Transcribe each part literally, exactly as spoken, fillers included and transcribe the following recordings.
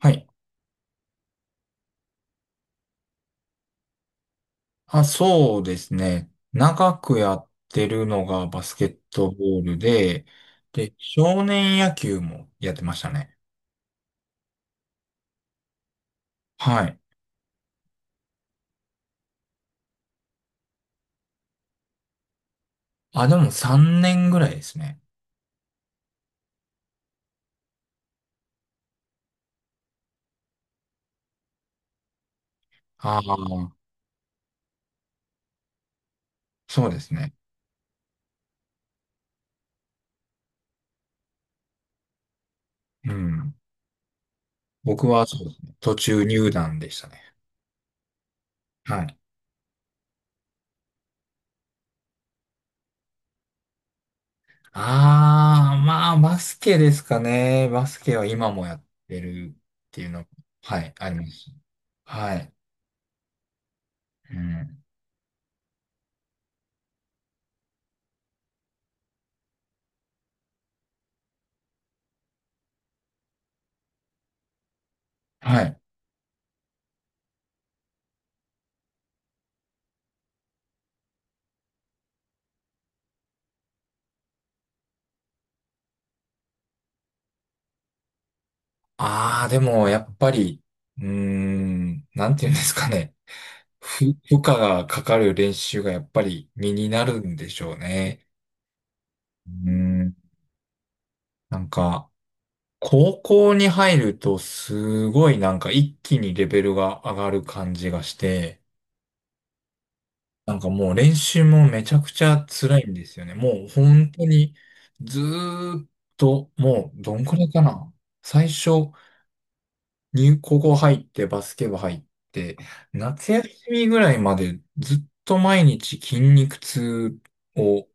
はい。あ、そうですね。長くやってるのがバスケットボールで、で、少年野球もやってましたね。はい。あ、でもさんねんぐらいですね。ああ、そうですね。うん。僕はそうですね。途中入団でしたね。はい。ああ、まあ、バスケですかね。バスケは今もやってるっていうの、はい、あります。はい。うん。はい。ああ、でも、やっぱり、うーん、なんていうんですかね。ふ負荷がかかる練習がやっぱり身になるんでしょうね。うーん、なんか、高校に入るとすごいなんか一気にレベルが上がる感じがして、なんかもう練習もめちゃくちゃ辛いんですよね。もう本当にずーっと、もうどんくらいかな。最初入高校入ってバスケ部入って、夏休みぐらいまでずっと毎日筋肉痛を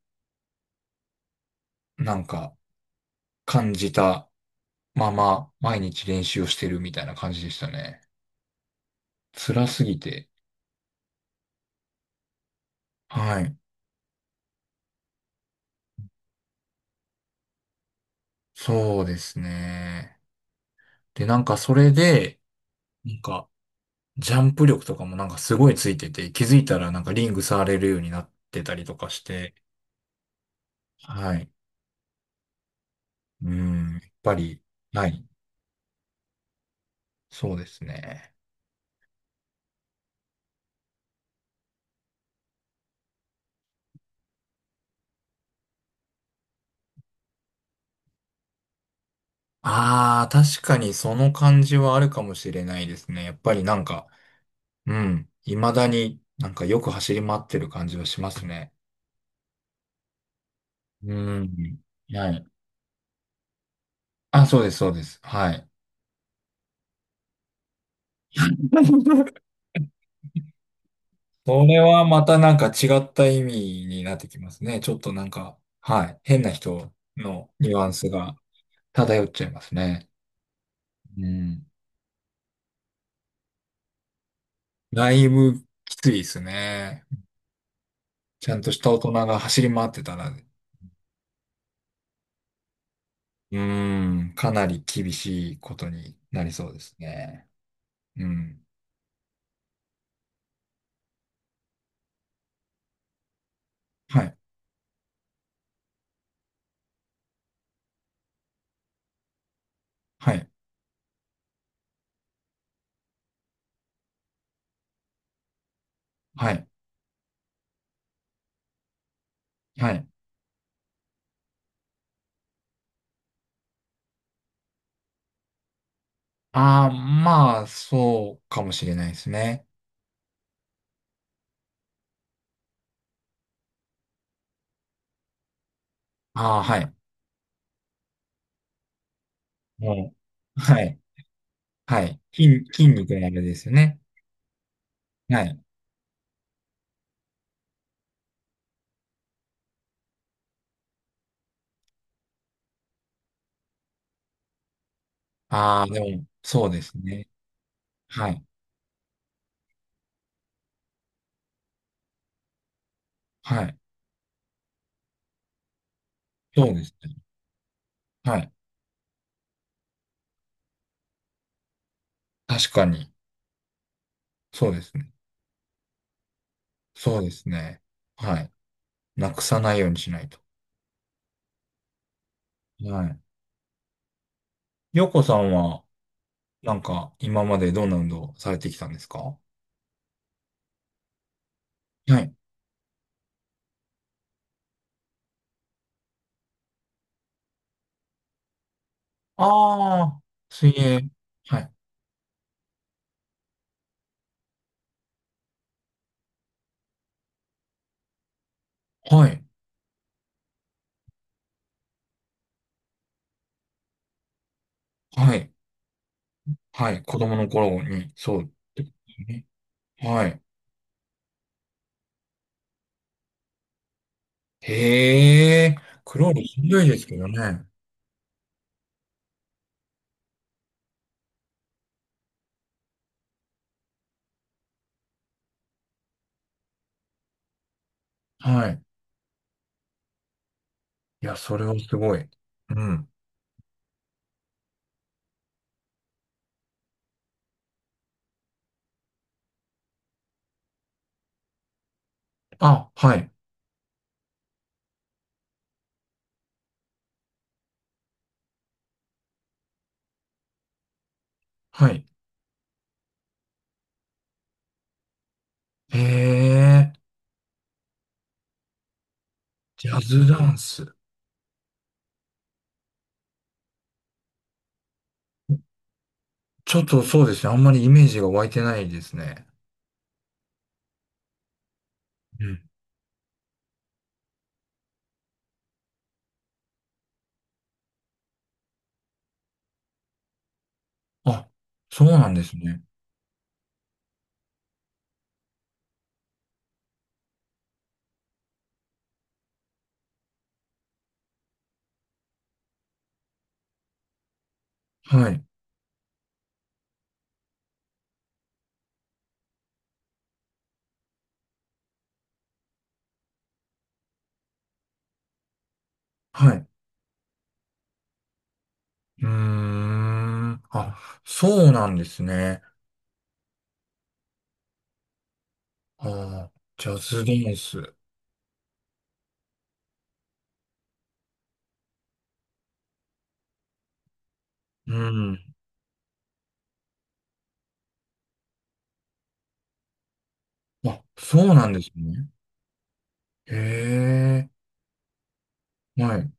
なんか感じたまま毎日練習をしてるみたいな感じでしたね。辛すぎて。はい。そうですね。で、なんかそれで、なんかジャンプ力とかもなんかすごいついてて、気づいたらなんかリング触れるようになってたりとかして、はい。うん、やっぱり、はい。そうですね。ああ、確かにその感じはあるかもしれないですね。やっぱりなんか、うん、未だになんかよく走り回ってる感じはしますね。うん。はい。あ、そうです、そうです。はい。それはまたなんか違った意味になってきますね。ちょっとなんか、はい。変な人のニュアンスが漂っちゃいますね。うん。だいぶきついですね。ちゃんとした大人が走り回ってたらうーん、かなり厳しいことになりそうですね。うん。はい、はい、はい、はい。ああ、まあ、そうかもしれないですね。ああ、はい。もう、はい、はい。筋、筋肉のあれですよね。はい。ああ、でも、そうですね。はい、はい。そうですね。はい。確かに、そうですね。そうですね。はい。なくさないようにしないと。はい。よこさんは、なんか、今までどんな運動されてきたんですか？はい。ああ、水泳。はい。はい。はい。はい。子供の頃に、そうってことね。はい。へえ、クロールしんどいですけどね。はい。いや、それはすごい。うん。あ、はい。はい。へえ、ジャズダンス。ちょっとそうですね。あんまりイメージが湧いてないですね。うん。あ、そうなんですね。はい。はい。うーん。あ、そうなんですね。ああ、ジャズダンス。うん。あ、そうなんですね。へえ、はい。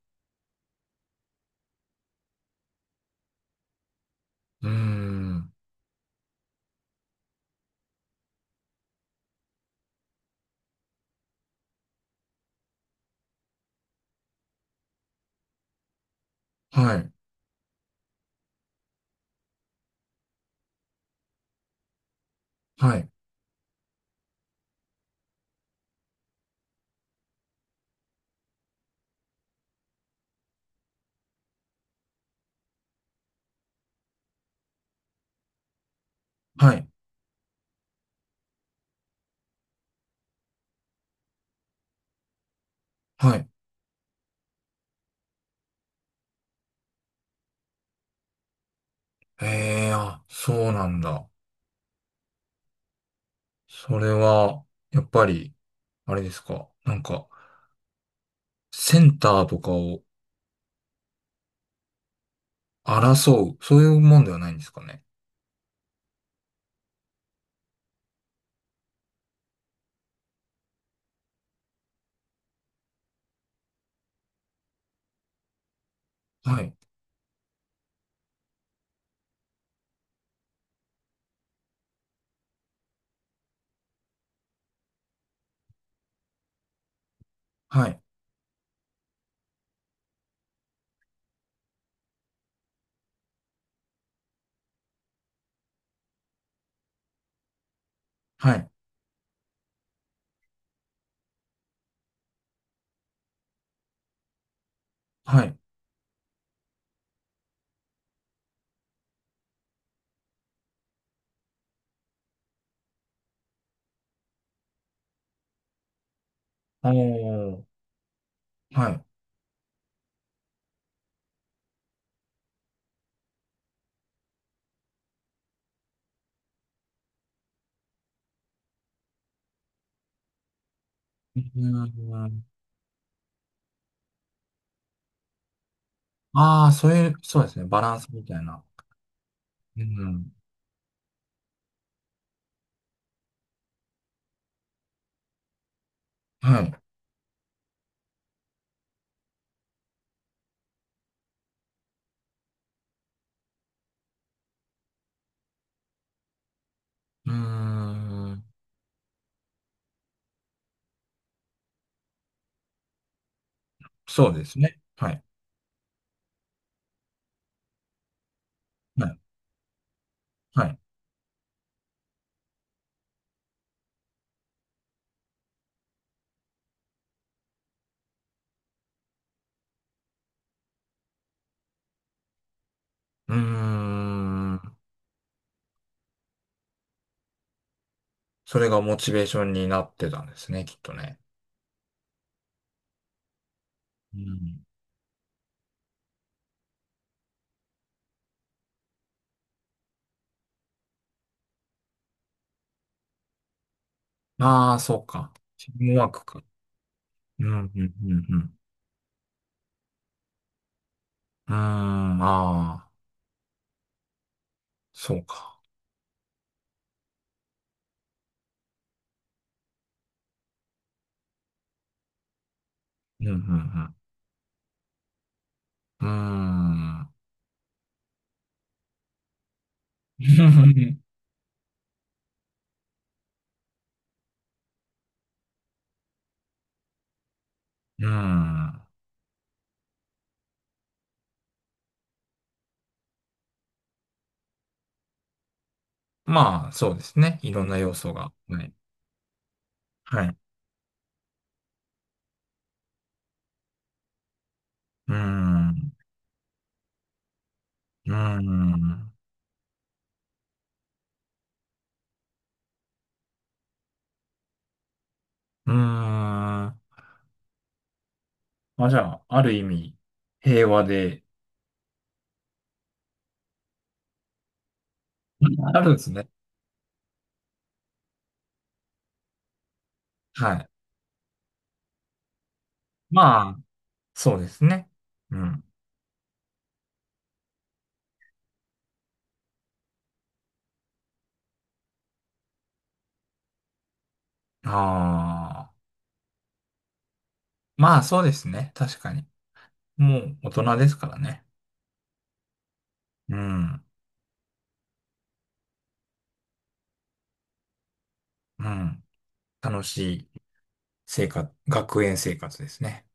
うん。はい。はい。はい。はい。ええ、あ、そうなんだ。それは、やっぱり、あれですか。なんか、センターとかを争う、そういうもんではないんですかね。はい。はい。はい。はい。おー。はい。うん。ああ、そういう、そうですね。バランスみたいな。うん。はい。うーん。そうですね。はい。はい。はい。うーん。それがモチベーションになってたんですね、きっとね。うん。ああ、そうか。チームワークか。うん、うん、うん、うん。うーん、ああ、そうか。うん、うん、うん。うーん。うん。まあ、そうですね。いろんな要素が。はい。はい。うーん。うーん。うーん。まあ、じゃあ、ある意味、平和で、あるんですね。はい。まあ、そうですね。うん。ああ。まあ、そうですね。確かに。もう大人ですからね。うん。うん。楽しい生活、学園生活ですね。